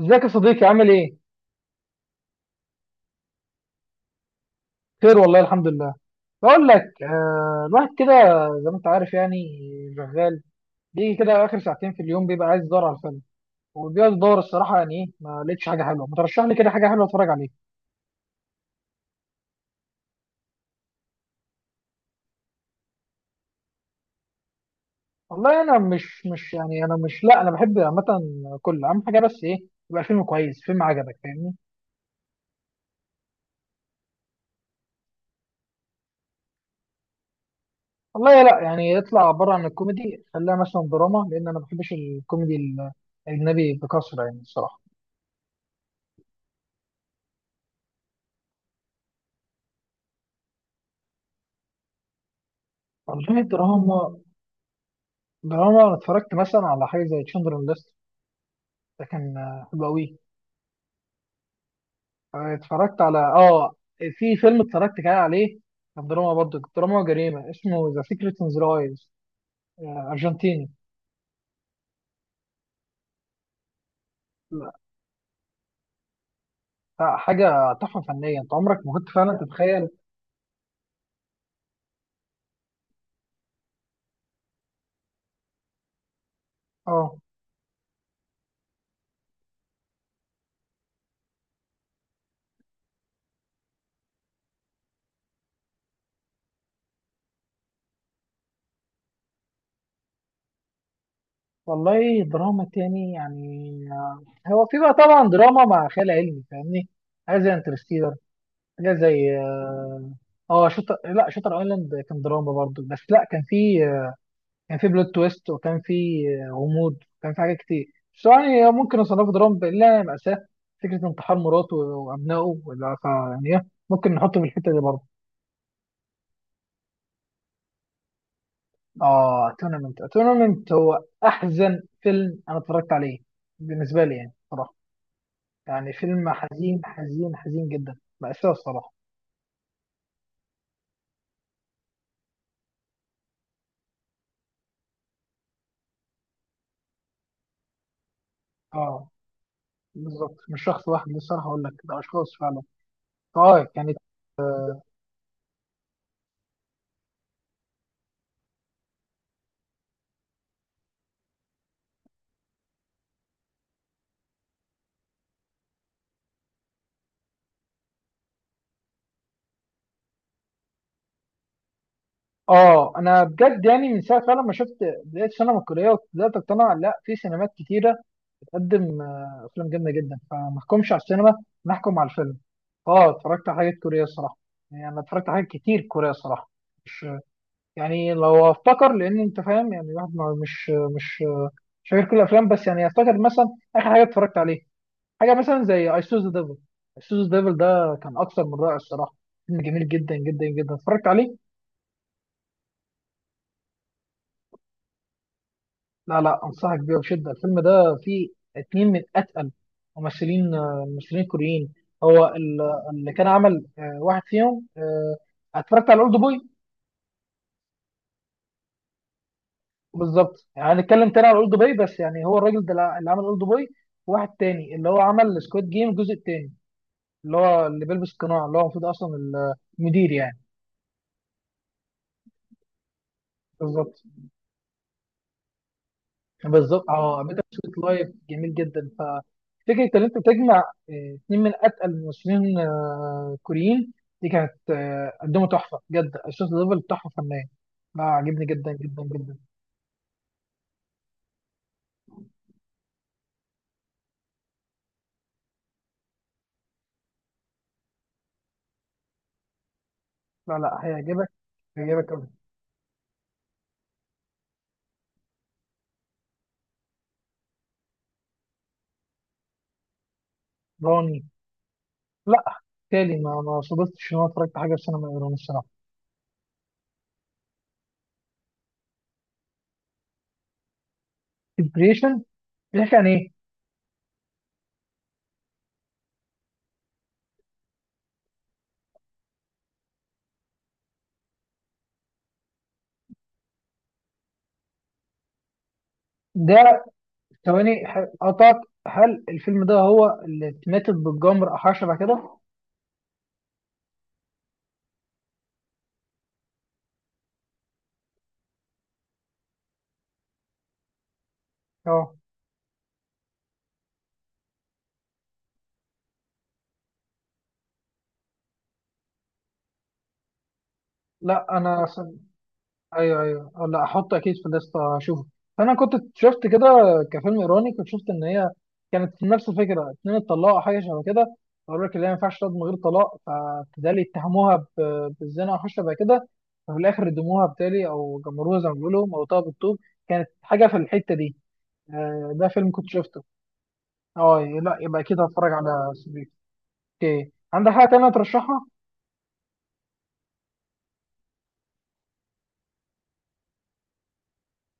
ازيك يا صديقي، عامل ايه؟ خير، والله الحمد لله. بقول لك الواحد كده، زي ما انت عارف، يعني شغال. بيجي كده اخر ساعتين في اليوم بيبقى عايز يدور على فيلم، وبيقعد يدور الصراحه. يعني ايه، ما لقيتش حاجه حلوه؟ ما ترشح لي كده حاجه حلوه اتفرج عليها؟ والله انا مش يعني انا مش، لا انا بحب عامه كل. اهم حاجه بس ايه؟ يبقى الفيلم كويس، فيلم عجبك، فاهمني. والله لا، يعني اطلع بره عن الكوميدي، خليها مثلا دراما، لان انا ما بحبش الكوميدي الاجنبي بكثره يعني الصراحه. والله الدراما، ده انا اتفرجت مثلا على حاجه زي تشندرن ليست. ده كان حلو قوي. اتفرجت على في فيلم اتفرجت كده عليه، كان دراما، برضه دراما وجريمه، اسمه ذا سيكريت ان ذا ايز، ارجنتيني. لا، لا، حاجه تحفه فنيه، انت عمرك ما كنت فعلا تتخيل. اه. والله دراما تاني، يعني هو في بقى طبعا دراما مع خيال علمي، فاهمني. حاجه زي انترستيلر، حاجه زي اه شطر، لا شطر ايلاند. كان دراما برضه، بس لا كان في كان في بلوت تويست، وكان في غموض، وكان في حاجات كتير. بس يعني ممكن اصنفه دراما الا مأساة، فكرة انتحار مراته وابنائه، ولا يعني ايه، ممكن نحطه في الحتة دي برضه. اه تورنمنت، تورنمنت هو احزن فيلم انا اتفرجت عليه بالنسبة لي يعني، صراحة يعني فيلم حزين حزين حزين جدا، مأساة الصراحة. اه بالظبط، مش شخص واحد، للصراحة اقول لك ده اشخاص فعلا. اه كانت. اه انا بجد يعني من ساعه فعلا ما شفت بدايه السينما الكوريه وبدات اقتنع، لا في سينمات كتيره بتقدم افلام جامده جدا، فما احكمش على السينما، نحكم على الفيلم. اه اتفرجت على حاجات كوريه الصراحه، يعني انا اتفرجت على حاجات كتير كوريه الصراحه. مش يعني، لو افتكر لان انت فاهم يعني الواحد مش مش فاكر كل الافلام، بس يعني افتكر مثلا اخر حاجه اتفرجت عليه، حاجه مثلا زي اي سوز ذا ديفل. اي سوز ذا ديفل ده كان اكثر من رائع الصراحه، فيلم جميل جدا جدا جدا اتفرجت عليه. لا لا، انصحك بيه بشده. الفيلم ده فيه اتنين من اتقل ممثلين، ممثلين كوريين. هو اللي كان عمل واحد فيهم اتفرجت على اولد بوي. بالظبط، يعني هنتكلم تاني على اولد بوي، بس يعني هو الراجل ده اللي عمل اولد بوي، وواحد تاني اللي هو عمل سكواد جيم الجزء التاني، اللي هو اللي بيلبس قناع، اللي هو المفروض اصلا المدير يعني. بالظبط، بالظبط اه. ميتا سويت لايف جميل جدا. ففكره ان انت تجمع اتنين من اتقل الممثلين، كوريين، دي كانت قدموا تحفه بجد. الشوت ليفل تحفه فنيه، لا عجبني جدا جدا جدا. لا لا، هيعجبك. هيعجبك قوي. راني؟ لا. تالي ما صدفتش ان انا اتفرجت على حاجه في سينما ايران الصراحه. ديبريشن؟ بيحكي عن ايه؟ ده ثواني قطعت. هل الفيلم ده هو اللي اتماتت بالجمر او حاجه شبه كده؟ اه لا انا. ايوه ايوه لا احط اكيد في الليسته اشوفه. فانا كنت شفت كده كفيلم ايراني، كنت شفت ان هي كانت في نفس الفكره، اتنين اتطلقوا أو حاجه شبه كده. قالوا لك اللي هي ما ينفعش تقعد من غير طلاق، فبالتالي اتهموها بالزنا او حاجه شبه كده، ففي الاخر ردموها بالتالي او جمروها، زي ما بيقولوا موتوها بالطوب. كانت حاجه في الحته دي، ده فيلم كنت شفته. اه لا، يبقى اكيد هتفرج على سبيك. اوكي، عندك حاجه تانيه ترشحها؟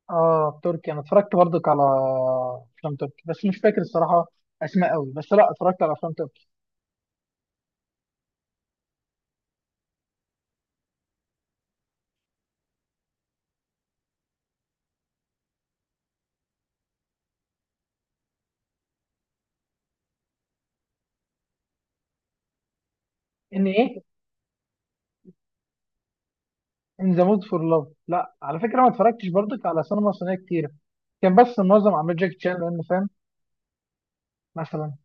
اه تركي، انا اتفرجت برضك على افلام تركي، بس مش فاكر الصراحه اسماء قوي، بس لا اتفرجت على افلام تركي. ان ايه؟ ان ذا مود فور لاف. لا على فكره، ما اتفرجتش برضك على سينما صينيه كتير، كان بس معظم اعمال جاكي تشان، لان فاهم مثلا.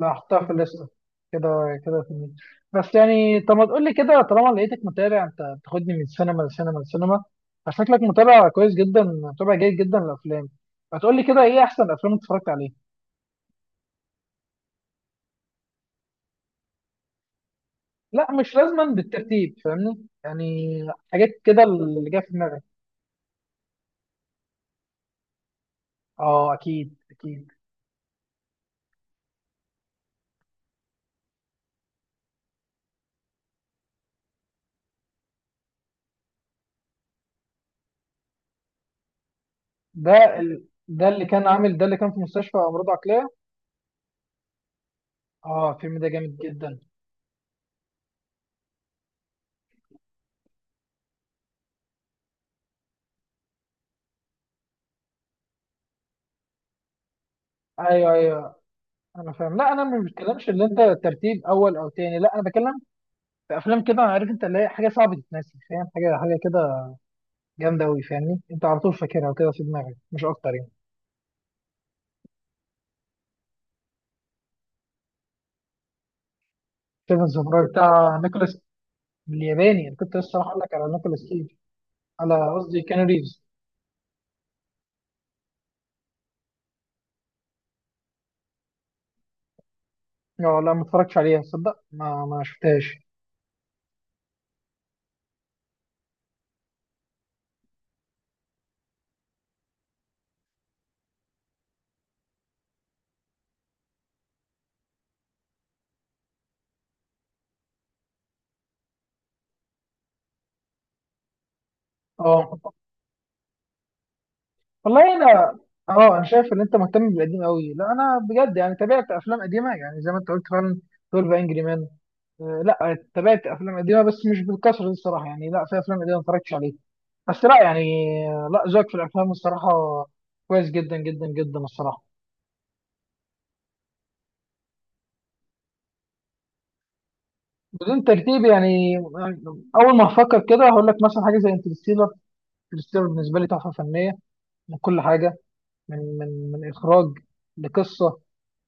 لا، احطها في الليسته كده كده في المية. بس يعني طب، ما تقول لي كده، طالما لقيتك متابع، انت بتاخدني من سينما لسينما لسينما، فشكلك متابع كويس جدا، متابع جيد جدا للافلام، فتقول لي كده ايه احسن افلام اتفرجت عليها؟ لا مش لازما بالترتيب، فاهمني، يعني حاجات كده اللي جايه في دماغي. اه اكيد، اكيد. ده ده اللي كان عامل، ده اللي كان في مستشفى امراض عقليه. اه الفيلم ده جامد جدا. ايوه، ايوه انا فاهم، لا انا ما بتكلمش اللي انت ترتيب اول او تاني، لا انا بتكلم في افلام كده، عارف انت اللي هي حاجه صعبه تتنسي، فاهم، حاجه حاجه كده جامده قوي، فاهمني، انت على طول فاكرها وكده في دماغك، مش اكتر يعني. فيلم الزفراء بتاع نيكولاس الياباني. انا كنت لسه هقول لك على نيكولاس كيج، على قصدي كان ريفز. اه لا ما اتفرجتش عليها تصدق، ما شفتهاش. اه والله انا، اه انا شايف ان انت مهتم بالقديم قوي. لا انا بجد يعني تابعت افلام قديمه، يعني زي ما انت قلت فعلا، 12 انجري مان. لا تابعت افلام قديمه بس مش بالكثره دي الصراحه، يعني لا في افلام قديمه ما اتفرجتش عليها، بس لا يعني لا ذوقك في الافلام الصراحه كويس جدا جدا جدا الصراحه. بدون ترتيب يعني اول ما افكر كده هقول لك مثلا حاجه زي انترستيلر. انترستيلر بالنسبه لي تحفه فنيه من كل حاجه، من اخراج، لقصه،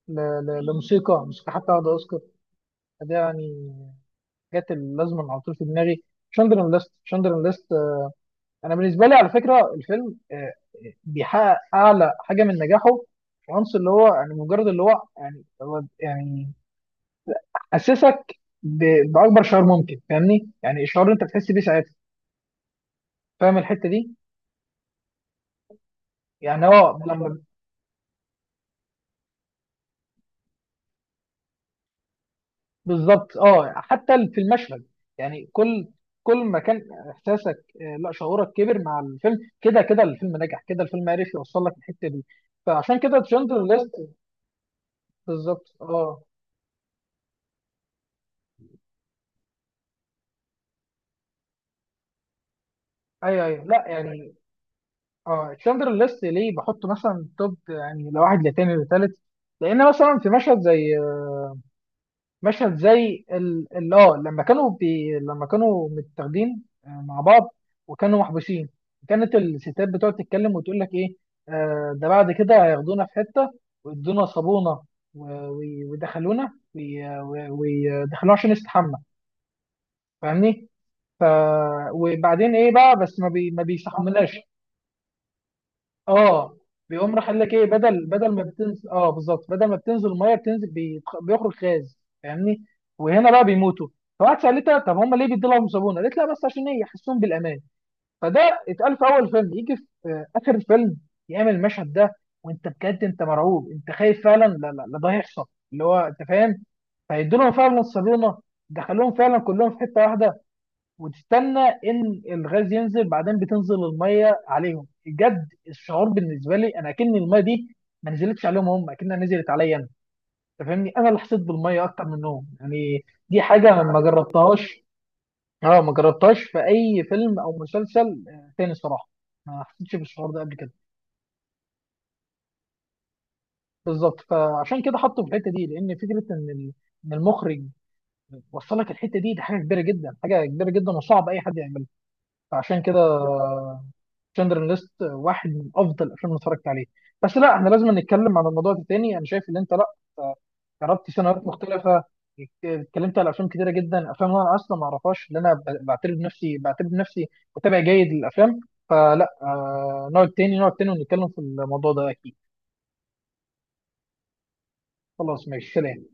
ل- لموسيقى، موسيقى حتى واخده اوسكار. فده يعني جت اللازمه على طول في دماغي. شندرن ليست، شندرن ليست. انا بالنسبه لي على فكره الفيلم بيحقق اعلى حاجه من نجاحه. العنصر اللي هو يعني، مجرد اللي هو يعني، هو يعني اسسك باكبر شعور ممكن، فاهمني، يعني الشعور اللي انت بتحس بيه ساعتها، فاهم الحته دي. يعني هو لما، بالظبط اه، حتى في المشهد. يعني كل ما كان احساسك، لا شعورك، كبر مع الفيلم، كده كده الفيلم نجح، كده الفيلم عرف يوصل لك الحته دي، فعشان كده تشاندلر ليست. بالظبط اه. ايوه ايوه، لا يعني، اه تشاندلر ليست ليه بحطه مثلا توب، يعني لواحد لتاني لتالت، لان مثلا في مشهد زي مشهد زي اه، لما كانوا لما كانوا متاخدين مع بعض وكانوا محبوسين، كانت الستات بتقعد تتكلم وتقول لك ايه. آه ده بعد كده هياخدونا في حته ويدونا صابونه، ويدخلونا، ويدخلونا عشان نستحمى، فاهمني. ف وبعدين ايه بقى، بس ما بيستحملناش. اه بيقوم راح قال لك ايه، بدل ما بتنزل، اه بالظبط، بدل ما بتنزل الميه بتنزل بيخرج غاز، فاهمني، وهنا بقى بيموتوا. فواحد سالتها طب هم ليه بيدوا لهم صابونه، قالت لا بس عشان ايه، يحسون بالامان. فده اتقال في اول فيلم، يجي في اخر الفيلم يعمل المشهد ده، وانت بجد انت مرعوب، انت خايف فعلا، لا لا لا ده هيحصل، اللي هو انت فاهم. فيدوا لهم فعلا الصابونه، دخلوهم فعلا كلهم في حته واحده، وتستنى ان الغاز ينزل، بعدين بتنزل الميه عليهم. بجد الشعور بالنسبه لي، انا اكن الميه دي ما نزلتش عليهم هم، اكنها نزلت عليا انا، انت فاهمني، انا اللي حسيت بالميه اكتر منهم. يعني دي حاجه أنا ما جربتهاش. اه، ما جربتهاش في اي فيلم او مسلسل تاني صراحه، ما حسيتش بالشعور ده قبل كده. بالظبط، فعشان كده حطه في الحته دي، لان فكره ان ان المخرج وصلك الحته دي، دي حاجه كبيره جدا، حاجه كبيره جدا، وصعب اي حد يعملها. فعشان كده شندلر ليست واحد من افضل الافلام اللي اتفرجت عليه. بس لا، احنا لازم نتكلم عن الموضوع ده تاني، انا شايف ان انت لا آه، جربت سيناريوهات مختلفه، اتكلمت على افلام كتيره جدا، افلام انا اصلا ما اعرفهاش، اللي انا بعتبر نفسي، متابع جيد للافلام. فلا نقعد تاني ونتكلم في الموضوع ده اكيد. خلاص ماشي، سلام.